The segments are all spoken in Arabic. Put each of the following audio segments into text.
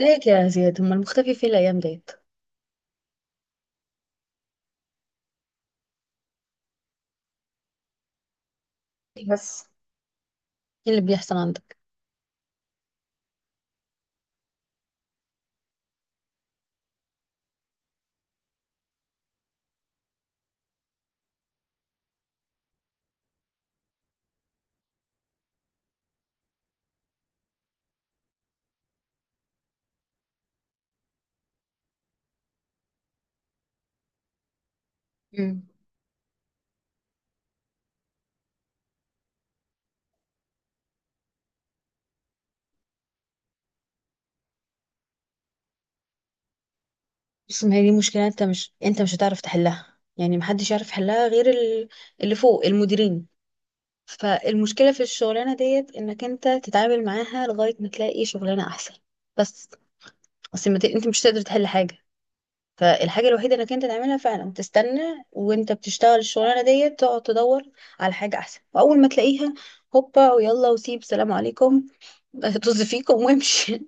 ليك يا زياد، هما المختفي فين الأيام ديت؟ بس ايه اللي بيحصل عندك؟ مم. بص، ما هي دي مشكلة، انت مش هتعرف تحلها، يعني محدش يعرف يحلها غير اللي فوق المديرين. فالمشكلة في الشغلانة ديت انك انت تتعامل معاها لغاية ما تلاقي شغلانة احسن. بس اصل ما ت... انت مش تقدر تحل حاجة. فالحاجة الوحيدة انك انت تعملها فعلا تستنى، وانت بتشتغل الشغلانة ديت تقعد تدور على حاجة احسن، واول ما تلاقيها هوبا ويلا وسيب سلام عليكم. طز فيكم وامشي.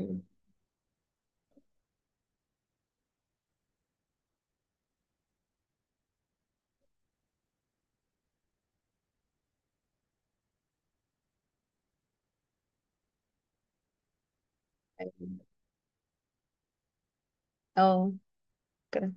مم. اه، كده.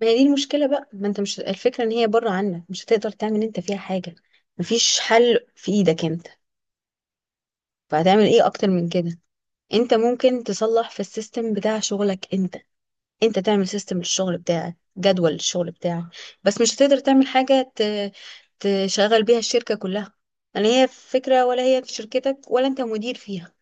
ما هي دي المشكلة بقى، ما انت مش الفكرة ان هي بره عنك، مش هتقدر تعمل انت فيها حاجة. مفيش حل في ايدك انت، فهتعمل ايه اكتر من كده؟ انت ممكن تصلح في السيستم بتاع شغلك انت، انت تعمل سيستم للشغل بتاعك، جدول للشغل بتاعك، بس مش هتقدر تعمل حاجة تشغل بيها الشركة كلها. لا هي فكرة، ولا هي في شركتك، ولا انت مدير فيها.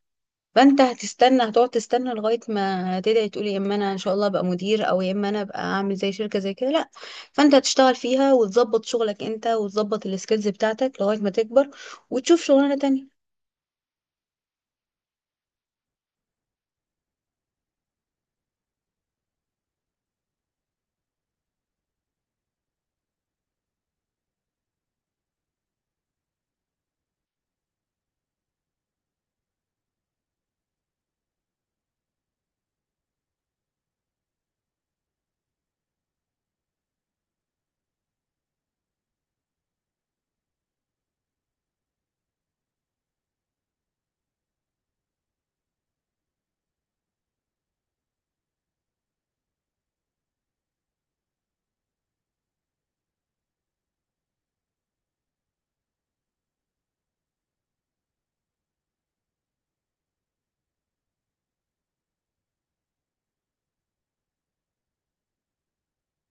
فانت هتستنى، هتقعد تستنى لغايه ما تدعي تقولي يا اما انا ان شاء الله ابقى مدير، او يا اما انا ابقى اعمل زي شركه زي كده، لا. فانت هتشتغل فيها وتظبط شغلك انت وتظبط السكيلز بتاعتك لغايه ما تكبر وتشوف شغلانه تانية.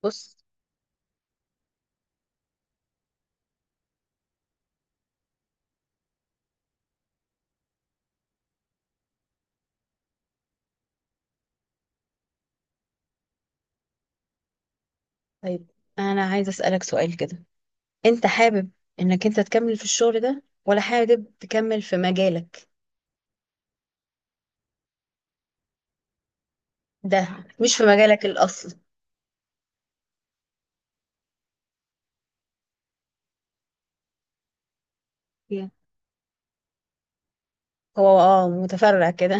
بص. طيب انا عايزه اسالك سؤال كده، انت حابب انك انت تكمل في الشغل ده، ولا حابب تكمل في مجالك؟ ده مش في مجالك الاصل. Yeah. هو متفرع كده.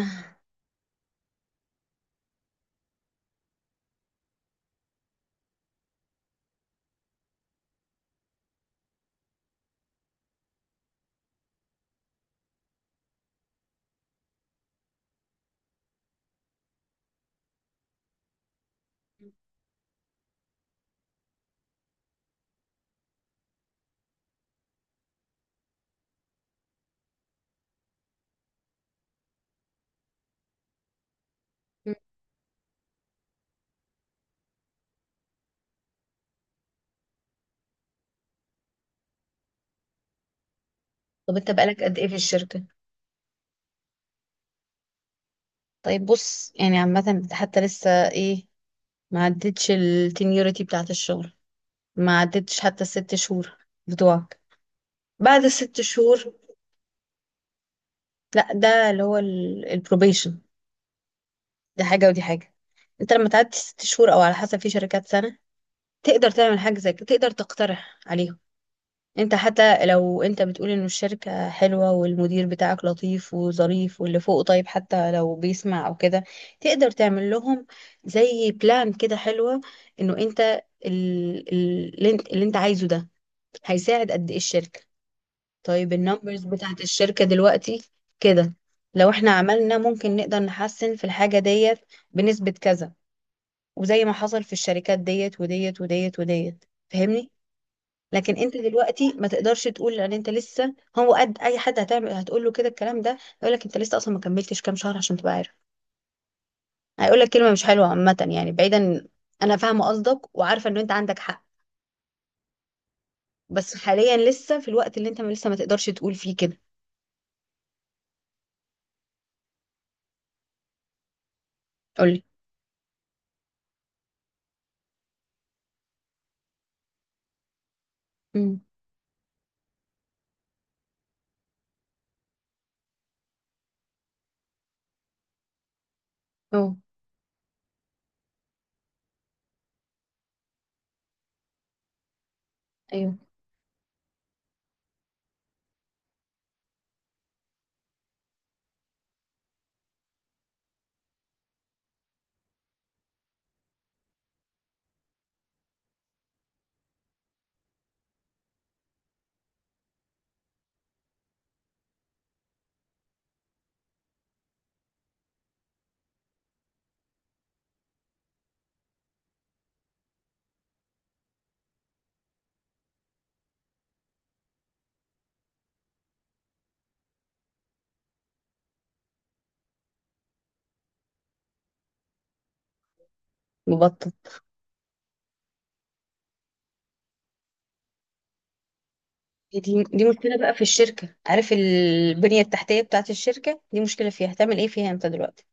طب انت بقالك قد ايه في الشركه؟ طيب بص، يعني عامة حتى لسه ايه؟ ما عدتش التينيوريتي بتاعة الشغل، ما عدتش حتى الست شهور بتوعك. بعد الست شهور. لا، ده اللي هو البروبيشن. دي حاجة ودي حاجة. انت لما تعدي ست شهور، او على حسب في شركات سنة، تقدر تعمل حاجة زي كده، تقدر تقترح عليهم. انت حتى لو انت بتقول ان الشركة حلوة والمدير بتاعك لطيف وظريف، واللي فوقه طيب حتى لو بيسمع او كده، تقدر تعمل لهم زي بلان كده حلوة. انه انت اللي انت عايزه ده هيساعد قد ايه الشركة. طيب النمبرز بتاعت الشركة دلوقتي كده، لو احنا عملنا ممكن نقدر نحسن في الحاجة ديت بنسبة كذا، وزي ما حصل في الشركات ديت وديت وديت وديت، فاهمني؟ لكن انت دلوقتي ما تقدرش تقول ان انت لسه هو قد اي حد، هتعمل هتقول له كده الكلام ده هيقول لك انت لسه اصلا ما كملتش كام شهر عشان تبقى عارف. هيقول لك كلمة مش حلوة عامة، يعني بعيدا. انا فاهمة قصدك وعارفة ان انت عندك حق، بس حاليا لسه في الوقت اللي انت لسه ما تقدرش تقول فيه كده. قولي. امم. اه. ايوه. مبطط. دي دي مشكله بقى في الشركه، عارف، البنيه التحتيه بتاعه الشركه دي مشكله فيها، هتعمل ايه فيها انت دلوقتي؟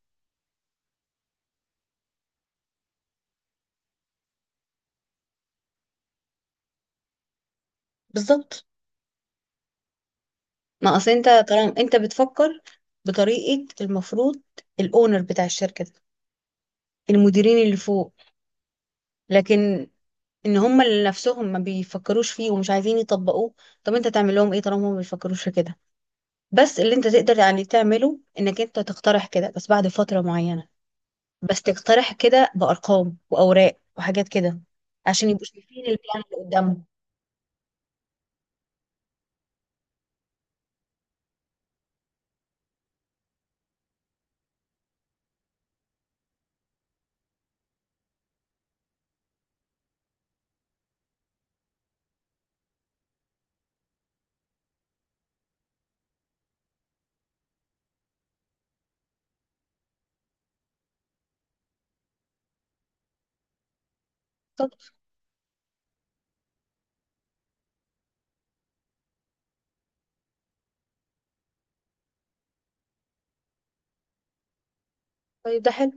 بالظبط. ما اصل انت طالما انت بتفكر بطريقه المفروض الاونر بتاع الشركه ده، المديرين اللي فوق، لكن ان هم اللي نفسهم ما بيفكروش فيه ومش عايزين يطبقوه، طب انت تعمل لهم ايه طالما هم ما بيفكروش في كده؟ بس اللي انت تقدر يعني تعمله انك انت تقترح كده، بس بعد فتره معينه. بس تقترح كده بأرقام وأوراق وحاجات كده عشان يبقوا شايفين البلان اللي قدامهم. طب طيب، ده حلو.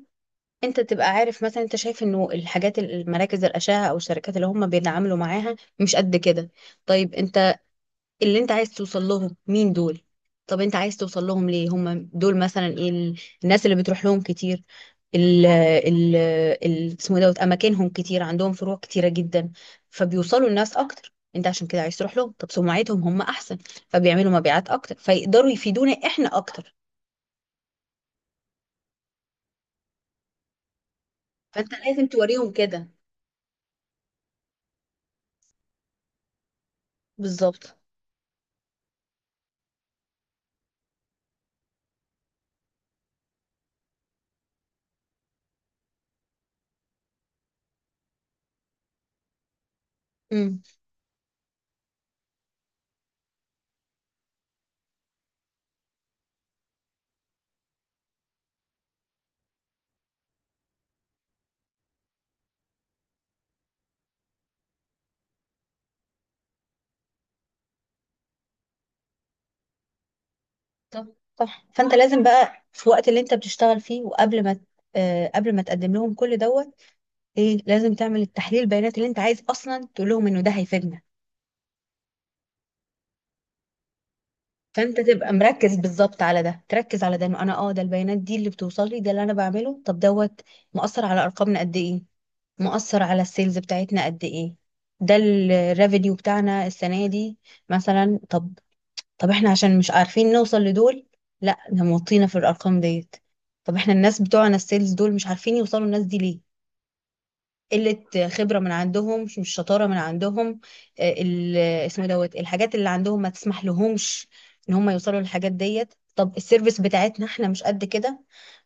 انت تبقى عارف مثلا، انت شايف انه الحاجات المراكز الأشعة او الشركات اللي هم بيتعاملوا معاها مش قد كده. طيب انت، اللي انت عايز توصل لهم مين دول؟ طب انت عايز توصل لهم ليه هم دول، مثلا ايه الناس اللي بتروح لهم كتير، ال ال اسمه ايه دوت، اماكنهم كتير، عندهم فروع كتيره جدا فبيوصلوا الناس اكتر، انت عشان كده عايز تروح لهم. طب سمعتهم هم احسن فبيعملوا مبيعات اكتر فيقدروا يفيدونا احنا اكتر. فانت لازم توريهم كده. بالظبط. امم. طب صح، فانت لازم بقى في الوقت اللي انت بتشتغل فيه وقبل ما قبل ما تقدم لهم كل دوت ايه، لازم تعمل التحليل البيانات اللي انت عايز اصلا تقول لهم انه ده هيفيدنا. فانت تبقى مركز بالظبط على ده، تركز على ده انه انا ده البيانات دي اللي بتوصل لي، ده اللي انا بعمله. طب دوت مؤثر على ارقامنا قد ايه؟ مؤثر على السيلز بتاعتنا قد ايه؟ ده الريفينيو بتاعنا السنه دي مثلا. طب احنا عشان مش عارفين نوصل لدول، لا احنا موطينا في الارقام ديت. طب احنا الناس بتوعنا السيلز دول مش عارفين يوصلوا الناس دي ليه؟ قلة خبرة من عندهم، مش شطارة من عندهم. اسمه دوت، الحاجات اللي عندهم ما تسمح لهمش ان هم يوصلوا للحاجات ديت. طب السيرفيس بتاعتنا احنا مش قد كده.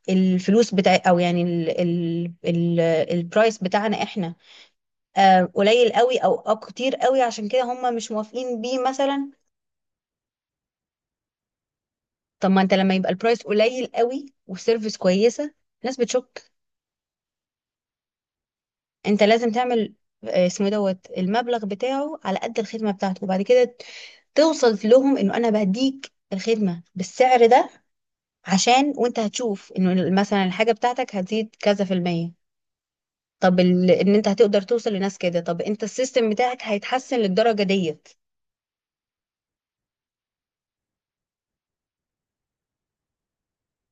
الفلوس بتاع، او يعني ال ال ال البرايس بتاعنا احنا قليل قوي، او كتير قوي، عشان كده هم مش موافقين بيه مثلا. طب ما انت لما يبقى البرايس قليل قوي والسيرفيس كويسة الناس بتشك. انت لازم تعمل اسمه إيه دوت، المبلغ بتاعه على قد الخدمه بتاعته، وبعد كده توصل لهم انه انا بهديك الخدمه بالسعر ده، عشان وانت هتشوف انه مثلا الحاجه بتاعتك هتزيد كذا في المية. طب ان انت هتقدر توصل لناس كده، طب انت السيستم بتاعك هيتحسن للدرجه ديت.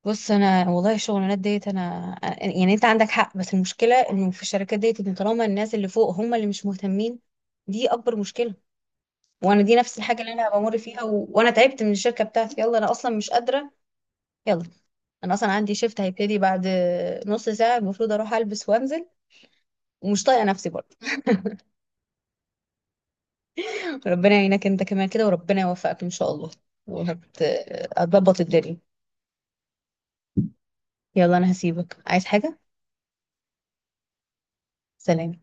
بص انا والله الشغلانات ديت، انا يعني انت عندك حق، بس المشكله انه في الشركات ديت ان طالما الناس اللي فوق هم اللي مش مهتمين، دي اكبر مشكله. وانا دي نفس الحاجه اللي انا بمر فيها، وانا تعبت من الشركه بتاعتي، يلا انا اصلا مش قادره. يلا، انا اصلا عندي شيفت هيبتدي بعد نص ساعه، المفروض اروح البس وانزل، ومش طايقه نفسي برضه. ربنا يعينك انت كمان كده، وربنا يوفقك ان شاء الله. وهت هتظبط الدنيا. يلا انا هسيبك، عايز حاجه؟ سلام.